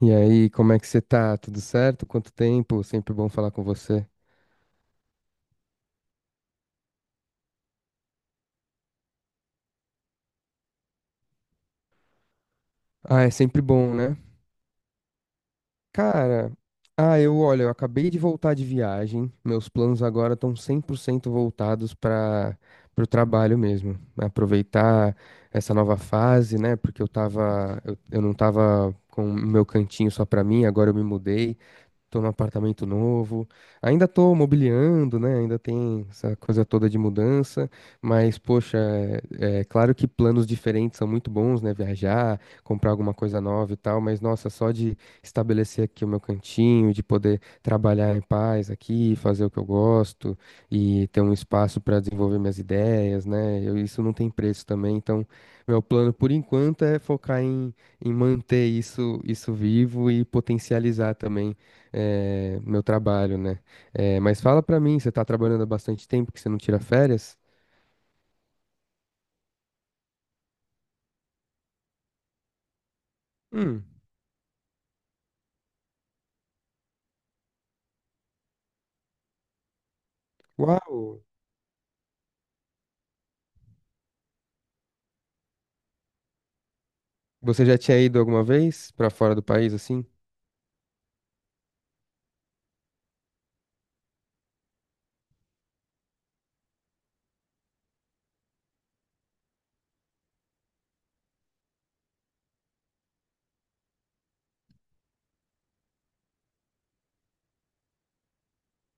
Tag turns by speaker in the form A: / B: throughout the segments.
A: E aí, como é que você tá? Tudo certo? Quanto tempo? Sempre bom falar com você. Ah, é sempre bom, né? Cara, olha, eu acabei de voltar de viagem. Meus planos agora estão 100% voltados para o trabalho mesmo. Aproveitar essa nova fase, né? Porque eu não tava com o meu cantinho só para mim, agora eu me mudei. Tô num apartamento novo. Ainda tô mobiliando, né? Ainda tem essa coisa toda de mudança. Mas, poxa, é claro que planos diferentes são muito bons, né? Viajar, comprar alguma coisa nova e tal. Mas, nossa, só de estabelecer aqui o meu cantinho, de poder trabalhar em paz aqui, fazer o que eu gosto e ter um espaço para desenvolver minhas ideias, né? Isso não tem preço também. Então, meu plano por enquanto é focar em manter isso vivo e potencializar também meu trabalho, né? É, mas fala pra mim, você tá trabalhando há bastante tempo que você não tira férias? Hum, uau! Você já tinha ido alguma vez pra fora do país assim?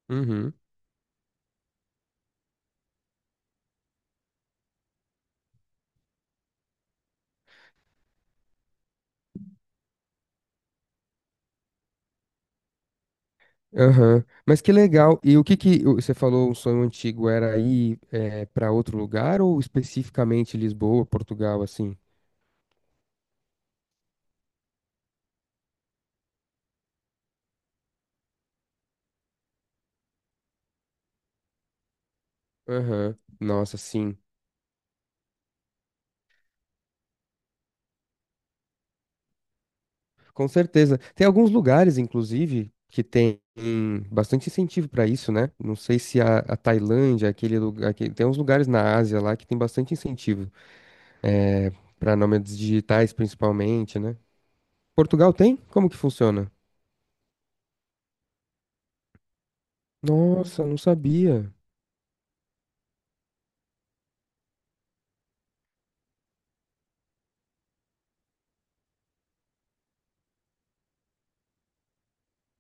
A: Uhum. Aham. Mas que legal. E o que que você falou, um sonho antigo era ir para outro lugar ou especificamente Lisboa, Portugal, assim? Aham. Nossa, sim. Com certeza. Tem alguns lugares, inclusive, que tem bastante incentivo para isso, né? Não sei se a Tailândia, aquele lugar, que tem uns lugares na Ásia lá que tem bastante incentivo, é, para nômades digitais, principalmente, né? Portugal tem? Como que funciona? Nossa, não sabia.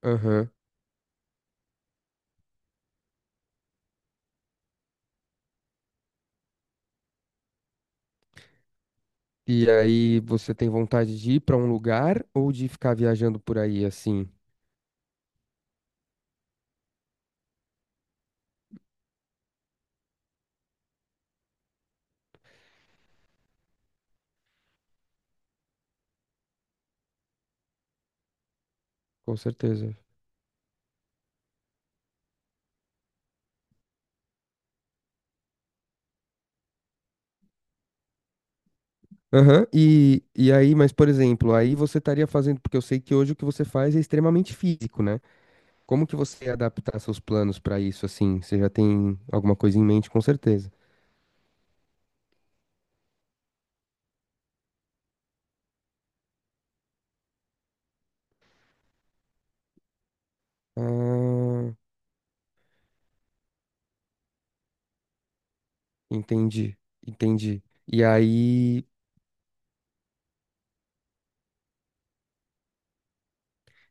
A: Aham. E aí, você tem vontade de ir para um lugar ou de ficar viajando por aí assim? Com certeza. Aham, e aí, mas por exemplo, aí você estaria fazendo, porque eu sei que hoje o que você faz é extremamente físico, né? Como que você ia adaptar seus planos para isso, assim? Você já tem alguma coisa em mente, com certeza. Ah, entendi, entendi. E aí,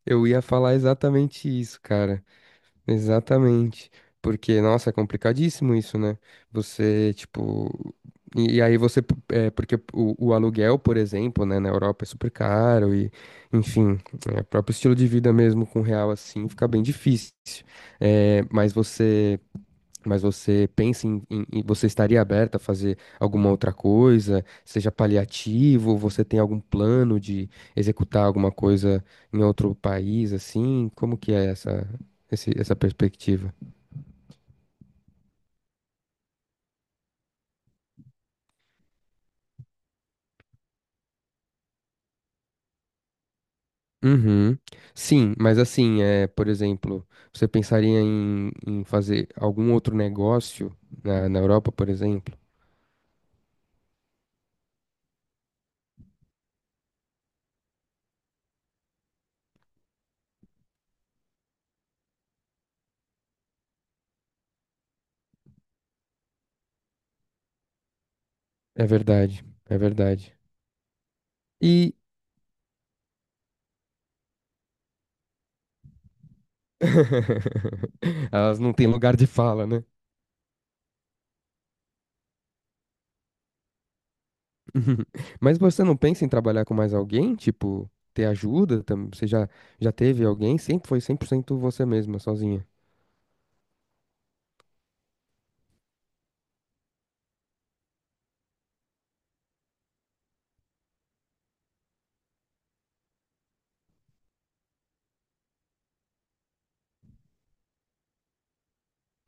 A: eu ia falar exatamente isso, cara. Exatamente. Porque, nossa, é complicadíssimo isso, né? Você, tipo. E aí você, porque o aluguel, por exemplo, né, na Europa é super caro e, enfim, o próprio estilo de vida mesmo com real assim fica bem difícil. É, mas você Mas você pensa em, você estaria aberta a fazer alguma outra coisa, seja paliativo, você tem algum plano de executar alguma coisa em outro país, assim? Como que é essa, essa perspectiva? Uhum. Sim, mas assim, por exemplo, você pensaria em, em fazer algum outro negócio na Europa, por exemplo? É verdade, é verdade. E Elas não têm lugar de fala, né? Mas você não pensa em trabalhar com mais alguém? Tipo, ter ajuda? Você já teve alguém? Sempre foi 100% você mesma, sozinha.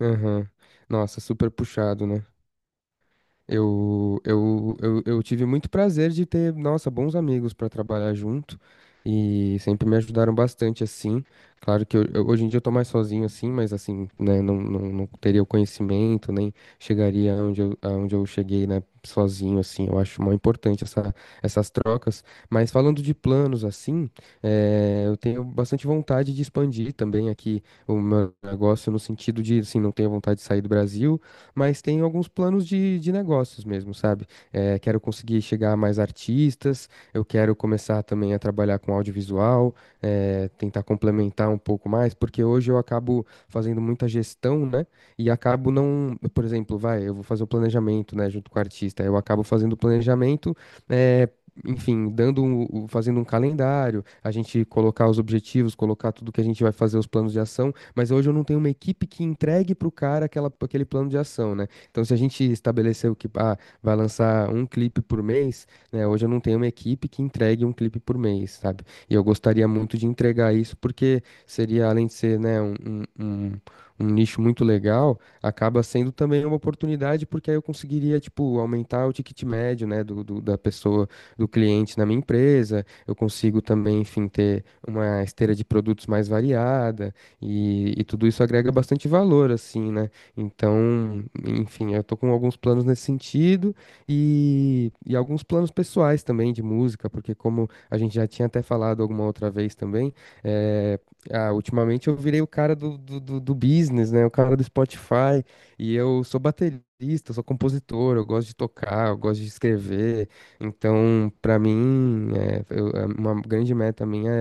A: Aham. Nossa, super puxado, né? Eu tive muito prazer de ter, nossa, bons amigos para trabalhar junto e sempre me ajudaram bastante assim. Claro que hoje em dia eu tô mais sozinho assim, mas assim, né, não teria o conhecimento, nem chegaria aonde eu cheguei, né, sozinho assim. Eu acho muito importante essa, essas trocas. Mas falando de planos assim, eu tenho bastante vontade de expandir também aqui o meu negócio no sentido de, assim, não tenho vontade de sair do Brasil mas tenho alguns planos de negócios mesmo, sabe? Eh, quero conseguir chegar a mais artistas, eu quero começar também a trabalhar com audiovisual, tentar complementar um pouco mais, porque hoje eu acabo fazendo muita gestão, né? E acabo não, por exemplo, vai, eu vou fazer o planejamento, né, junto com o artista, eu acabo fazendo o planejamento, eh, enfim, dando fazendo um calendário, a gente colocar os objetivos, colocar tudo que a gente vai fazer, os planos de ação, mas hoje eu não tenho uma equipe que entregue para o cara aquele plano de ação, né? Então, se a gente estabeleceu que vai lançar um clipe por mês, né? Hoje eu não tenho uma equipe que entregue um clipe por mês, sabe? E eu gostaria muito de entregar isso, porque seria, além de ser, né, um nicho muito legal, acaba sendo também uma oportunidade, porque aí eu conseguiria, tipo, aumentar o ticket médio, né, da pessoa, do cliente na minha empresa, eu consigo também, enfim, ter uma esteira de produtos mais variada, e tudo isso agrega bastante valor, assim, né? Então, enfim, eu tô com alguns planos nesse sentido e alguns planos pessoais também de música, porque como a gente já tinha até falado alguma outra vez também, é, ultimamente eu virei o cara do business, né? O cara do Spotify. E eu sou baterista, eu sou compositor, eu gosto de tocar, eu gosto de escrever. Então, pra mim, é uma grande meta minha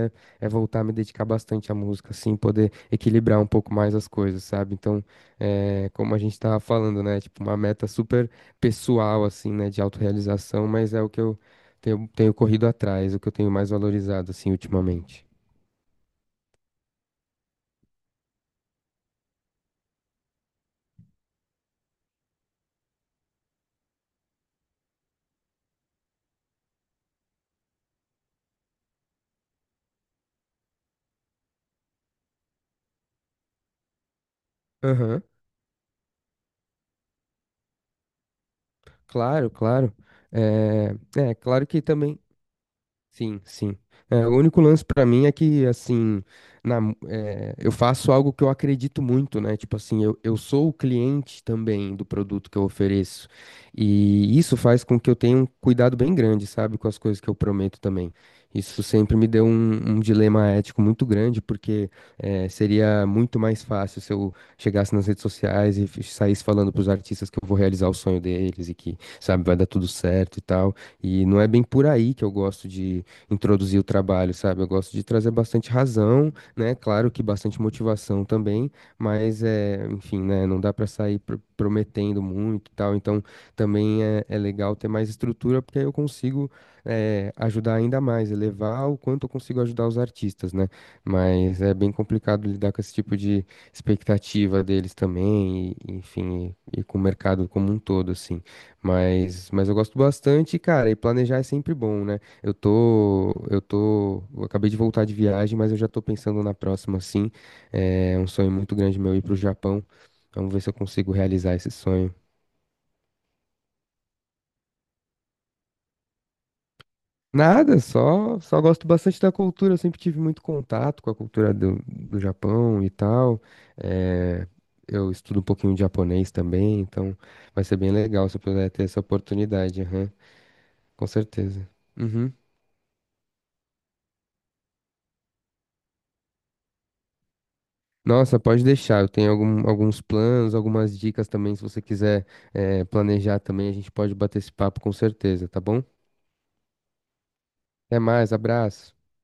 A: é voltar a me dedicar bastante à música, assim, poder equilibrar um pouco mais as coisas, sabe? Então, como a gente tava falando, né? Tipo, uma meta super pessoal, assim, né? De autorrealização, mas é o que eu tenho corrido atrás, o que eu tenho mais valorizado, assim, ultimamente. Aham, claro, claro. É, é, claro que também. Sim, sim. É, o único lance pra mim é que, assim, eu faço algo que eu acredito muito, né? Tipo assim, eu sou o cliente também do produto que eu ofereço. E isso faz com que eu tenha um cuidado bem grande, sabe, com as coisas que eu prometo também. Isso sempre me deu um dilema ético muito grande, porque seria muito mais fácil se eu chegasse nas redes sociais e saísse falando pros artistas que eu vou realizar o sonho deles e que, sabe, vai dar tudo certo e tal. E não é bem por aí que eu gosto de introduzir o trabalho, sabe? Eu gosto de trazer bastante razão, né? Claro que bastante motivação também, mas enfim, né? Não dá para sair prometendo muito e tal. Então, também é legal ter mais estrutura, porque aí eu consigo ajudar ainda mais, elevar o quanto eu consigo ajudar os artistas, né? Mas é bem complicado lidar com esse tipo de expectativa deles também, e, enfim, e com o mercado como um todo, assim. Mas eu gosto bastante, cara, e planejar é sempre bom, né? Eu acabei de voltar de viagem, mas eu já tô pensando na próxima, sim. É um sonho muito grande meu ir pro Japão. Vamos ver se eu consigo realizar esse sonho. Nada, só gosto bastante da cultura. Eu sempre tive muito contato com a cultura do Japão e tal. É, eu estudo um pouquinho de japonês também, então vai ser bem legal se eu puder ter essa oportunidade. Aham, com certeza. Uhum. Nossa, pode deixar. Eu tenho alguns planos, algumas dicas também. Se você quiser, planejar também, a gente pode bater esse papo com certeza, tá bom? Até mais, abraço.